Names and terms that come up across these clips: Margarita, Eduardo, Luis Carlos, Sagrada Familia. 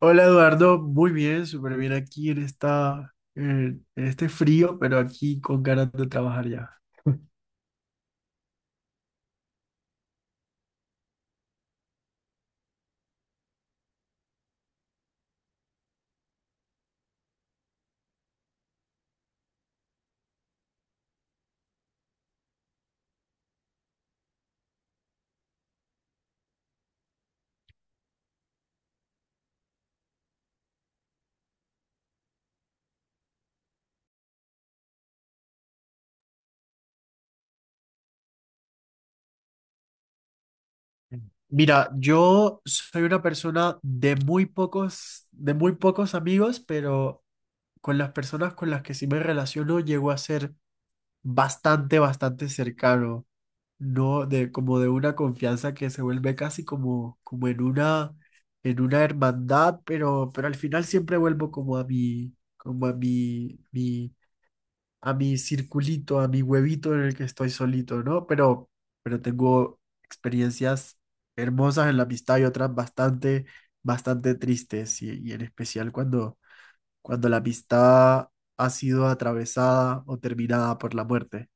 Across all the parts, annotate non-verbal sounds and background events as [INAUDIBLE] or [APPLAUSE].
Hola Eduardo, muy bien, súper bien aquí en esta, en este frío, pero aquí con ganas de trabajar ya. Mira, yo soy una persona de muy pocos amigos, pero con las personas con las que sí me relaciono llego a ser bastante, bastante cercano, no de como de una confianza que se vuelve casi como, como en una hermandad, pero al final siempre vuelvo como a mi, como a mi circulito, a mi huevito en el que estoy solito, ¿no? Pero tengo experiencias hermosas en la amistad y otras bastante, bastante tristes, y en especial cuando, cuando la amistad ha sido atravesada o terminada por la muerte.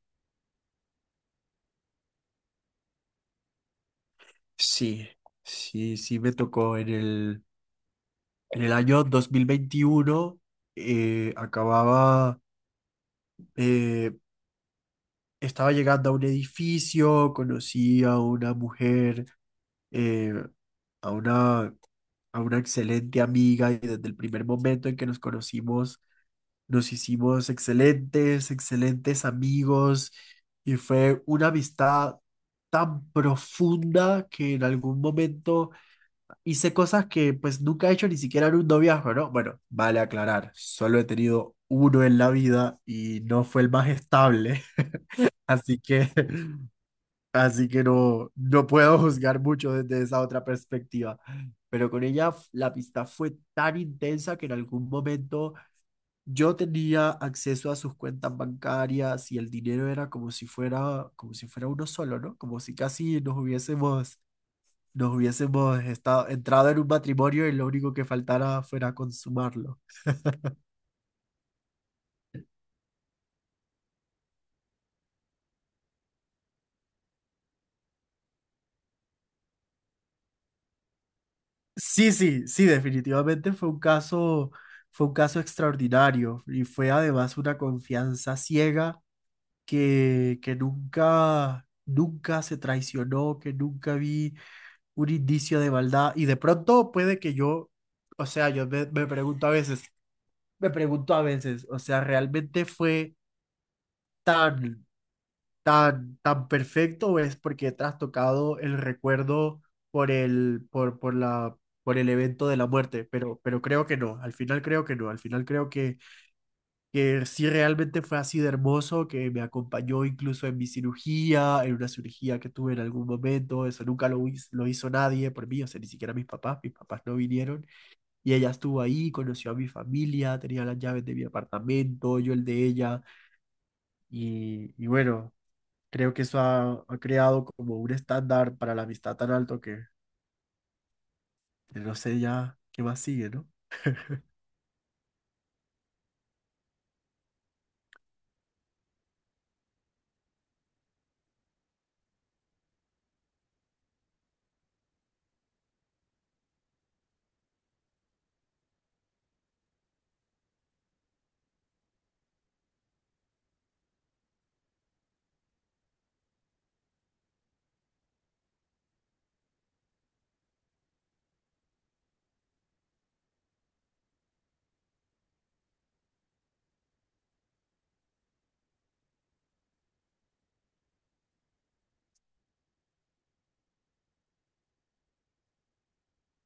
Sí, sí, sí me tocó en el año 2021, acababa... eh, estaba llegando a un edificio, conocí a una mujer, eh, a una, a una excelente amiga, y desde el primer momento en que nos conocimos nos hicimos excelentes, excelentes amigos, y fue una amistad tan profunda que en algún momento hice cosas que pues nunca he hecho ni siquiera en un noviazgo, ¿no? Bueno, vale aclarar, solo he tenido uno en la vida y no fue el más estable, [LAUGHS] así que así que no, no puedo juzgar mucho desde esa otra perspectiva. Pero con ella la amistad fue tan intensa que en algún momento yo tenía acceso a sus cuentas bancarias y el dinero era como si fuera uno solo, ¿no? Como si casi nos hubiésemos estado, entrado en un matrimonio y lo único que faltara fuera consumarlo. Sí, sí, sí, definitivamente fue un caso extraordinario, y fue además una confianza ciega que nunca, nunca se traicionó, que nunca vi un indicio de maldad. Y de pronto puede que yo, o sea, yo me, me pregunto a veces, me pregunto a veces, o sea, ¿realmente fue tan, tan, tan perfecto o es porque he trastocado el recuerdo por el, por la, por el evento de la muerte? Pero creo que no, al final creo que no, al final creo que sí realmente fue así de hermoso, que me acompañó incluso en mi cirugía, en una cirugía que tuve en algún momento, eso nunca lo, lo hizo nadie por mí, o sea, ni siquiera mis papás no vinieron, y ella estuvo ahí, conoció a mi familia, tenía las llaves de mi apartamento, yo el de ella, y bueno, creo que eso ha, ha creado como un estándar para la amistad tan alto que no sé ya qué más sigue, ¿no?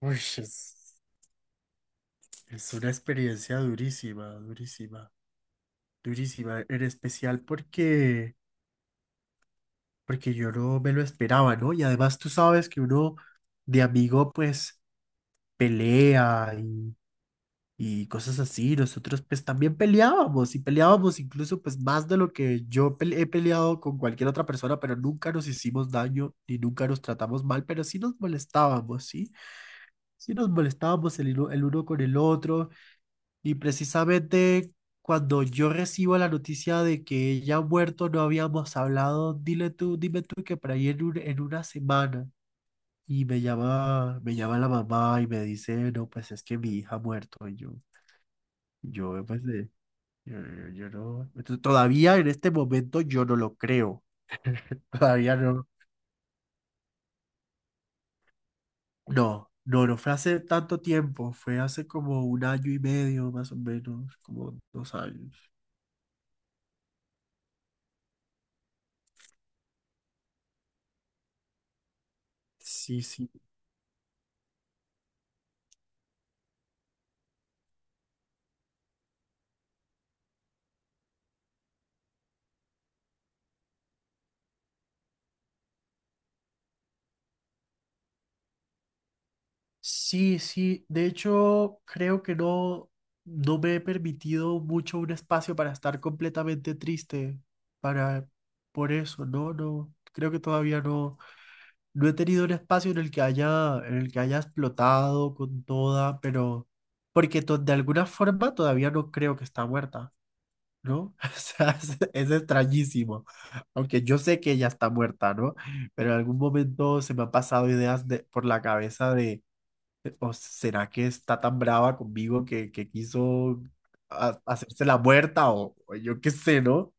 Uy, es una experiencia durísima, durísima. Durísima, en especial porque, porque yo no me lo esperaba, ¿no? Y además tú sabes que uno de amigo pues pelea y cosas así. Nosotros pues también peleábamos y peleábamos incluso pues más de lo que yo he peleado con cualquier otra persona, pero nunca nos hicimos daño ni nunca nos tratamos mal, pero sí nos molestábamos, ¿sí? Sí nos molestábamos el, el uno con el otro. Y precisamente cuando yo recibo la noticia de que ella ha muerto, no habíamos hablado, dile tú, dime tú que por ahí en, en una semana. Y me llama la mamá y me dice, no, pues es que mi hija ha muerto. Y yo, pues, yo, yo no. Entonces, todavía en este momento yo no lo creo. [LAUGHS] Todavía no. No, no, no fue hace tanto tiempo. Fue hace como un año y medio, más o menos, como dos años. Sí, sí. Sí, sí. De hecho, creo que no, no me he permitido mucho un espacio para estar completamente triste para por eso, no, no. Creo que todavía no, no he tenido un espacio en el que haya, en el que haya explotado con toda, pero porque de alguna forma todavía no creo que está muerta, ¿no? [LAUGHS] O sea, es extrañísimo. Aunque yo sé que ella está muerta, ¿no? Pero en algún momento se me han pasado ideas por la cabeza de ¿o será que está tan brava conmigo que quiso hacerse la muerta o yo qué sé, ¿no?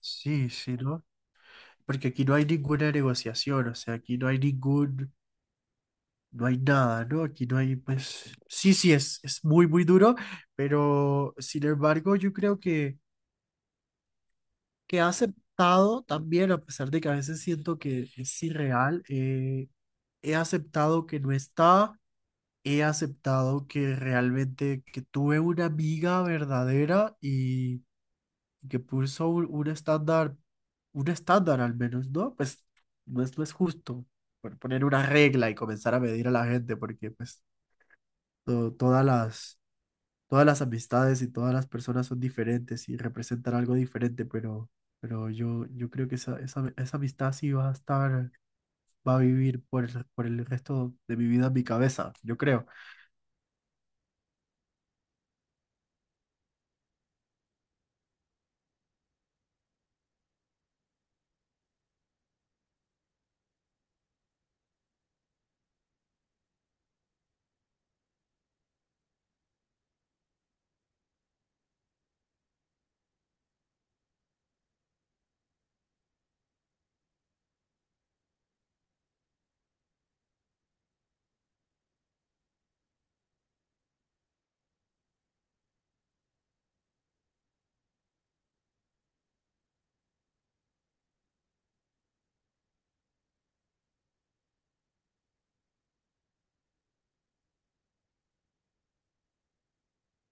Sí, sí, ¿no? Porque aquí no hay ninguna negociación, o sea, aquí no hay ningún, no hay nada, ¿no? Aquí no hay, pues, sí, sí, es muy, muy duro, pero sin embargo, yo creo que ha aceptado también, a pesar de que a veces siento que es irreal, he aceptado que no está. He aceptado que realmente que tuve una amiga verdadera y que puso un estándar al menos, ¿no? Pues no es, no es justo por poner una regla y comenzar a medir a la gente porque pues to- todas las, todas las amistades y todas las personas son diferentes y representan algo diferente, pero yo creo que esa amistad sí va a estar... va a vivir por el resto de mi vida en mi cabeza, yo creo.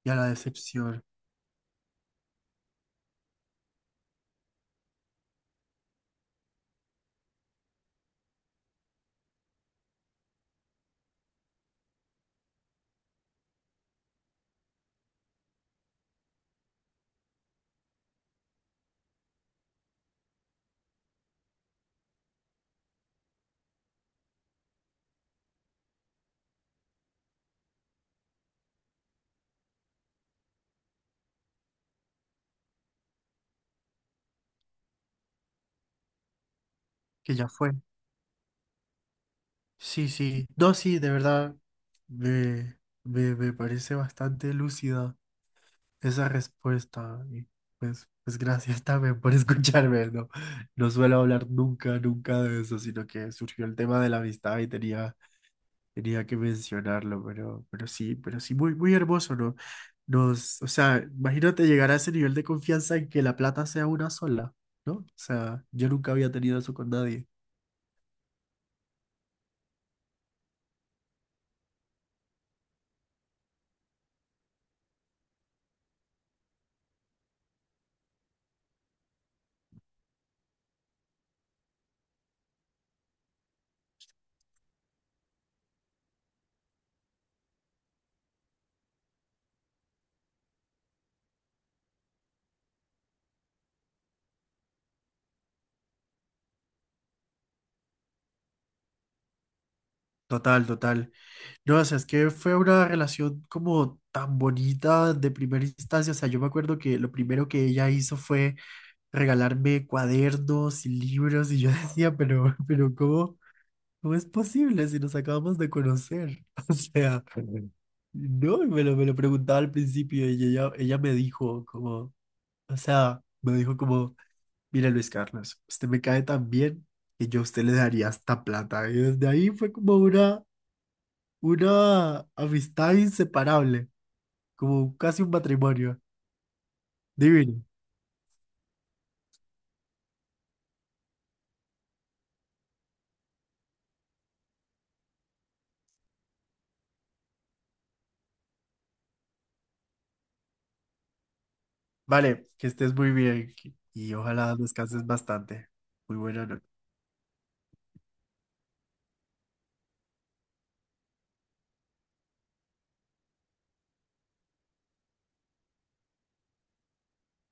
Y a la decepción que ya fue. Sí, sí. No, sí, de verdad, me parece bastante lúcida esa respuesta. Y pues, pues gracias [LAUGHS] también por escucharme, ¿no? No suelo hablar nunca, nunca de eso, sino que surgió el tema de la amistad y tenía, tenía que mencionarlo, pero sí, muy, muy hermoso, ¿no? Nos, o sea, imagínate llegar a ese nivel de confianza en que la plata sea una sola, ¿no? O sea, yo nunca había tenido eso con nadie. Total, total. No, o sea, es que fue una relación como tan bonita de primera instancia. O sea, yo me acuerdo que lo primero que ella hizo fue regalarme cuadernos y libros, y yo [LAUGHS] decía, pero ¿cómo, cómo es posible si nos acabamos de conocer? [LAUGHS] O sea, no, y me lo preguntaba al principio, y ella me dijo como, o sea, me dijo como, mira Luis Carlos, usted me cae tan bien que yo a usted le daría hasta plata. Y desde ahí fue como una amistad inseparable, como casi un matrimonio. Divino. Vale, que estés muy bien y ojalá descanses bastante. Muy buena noche.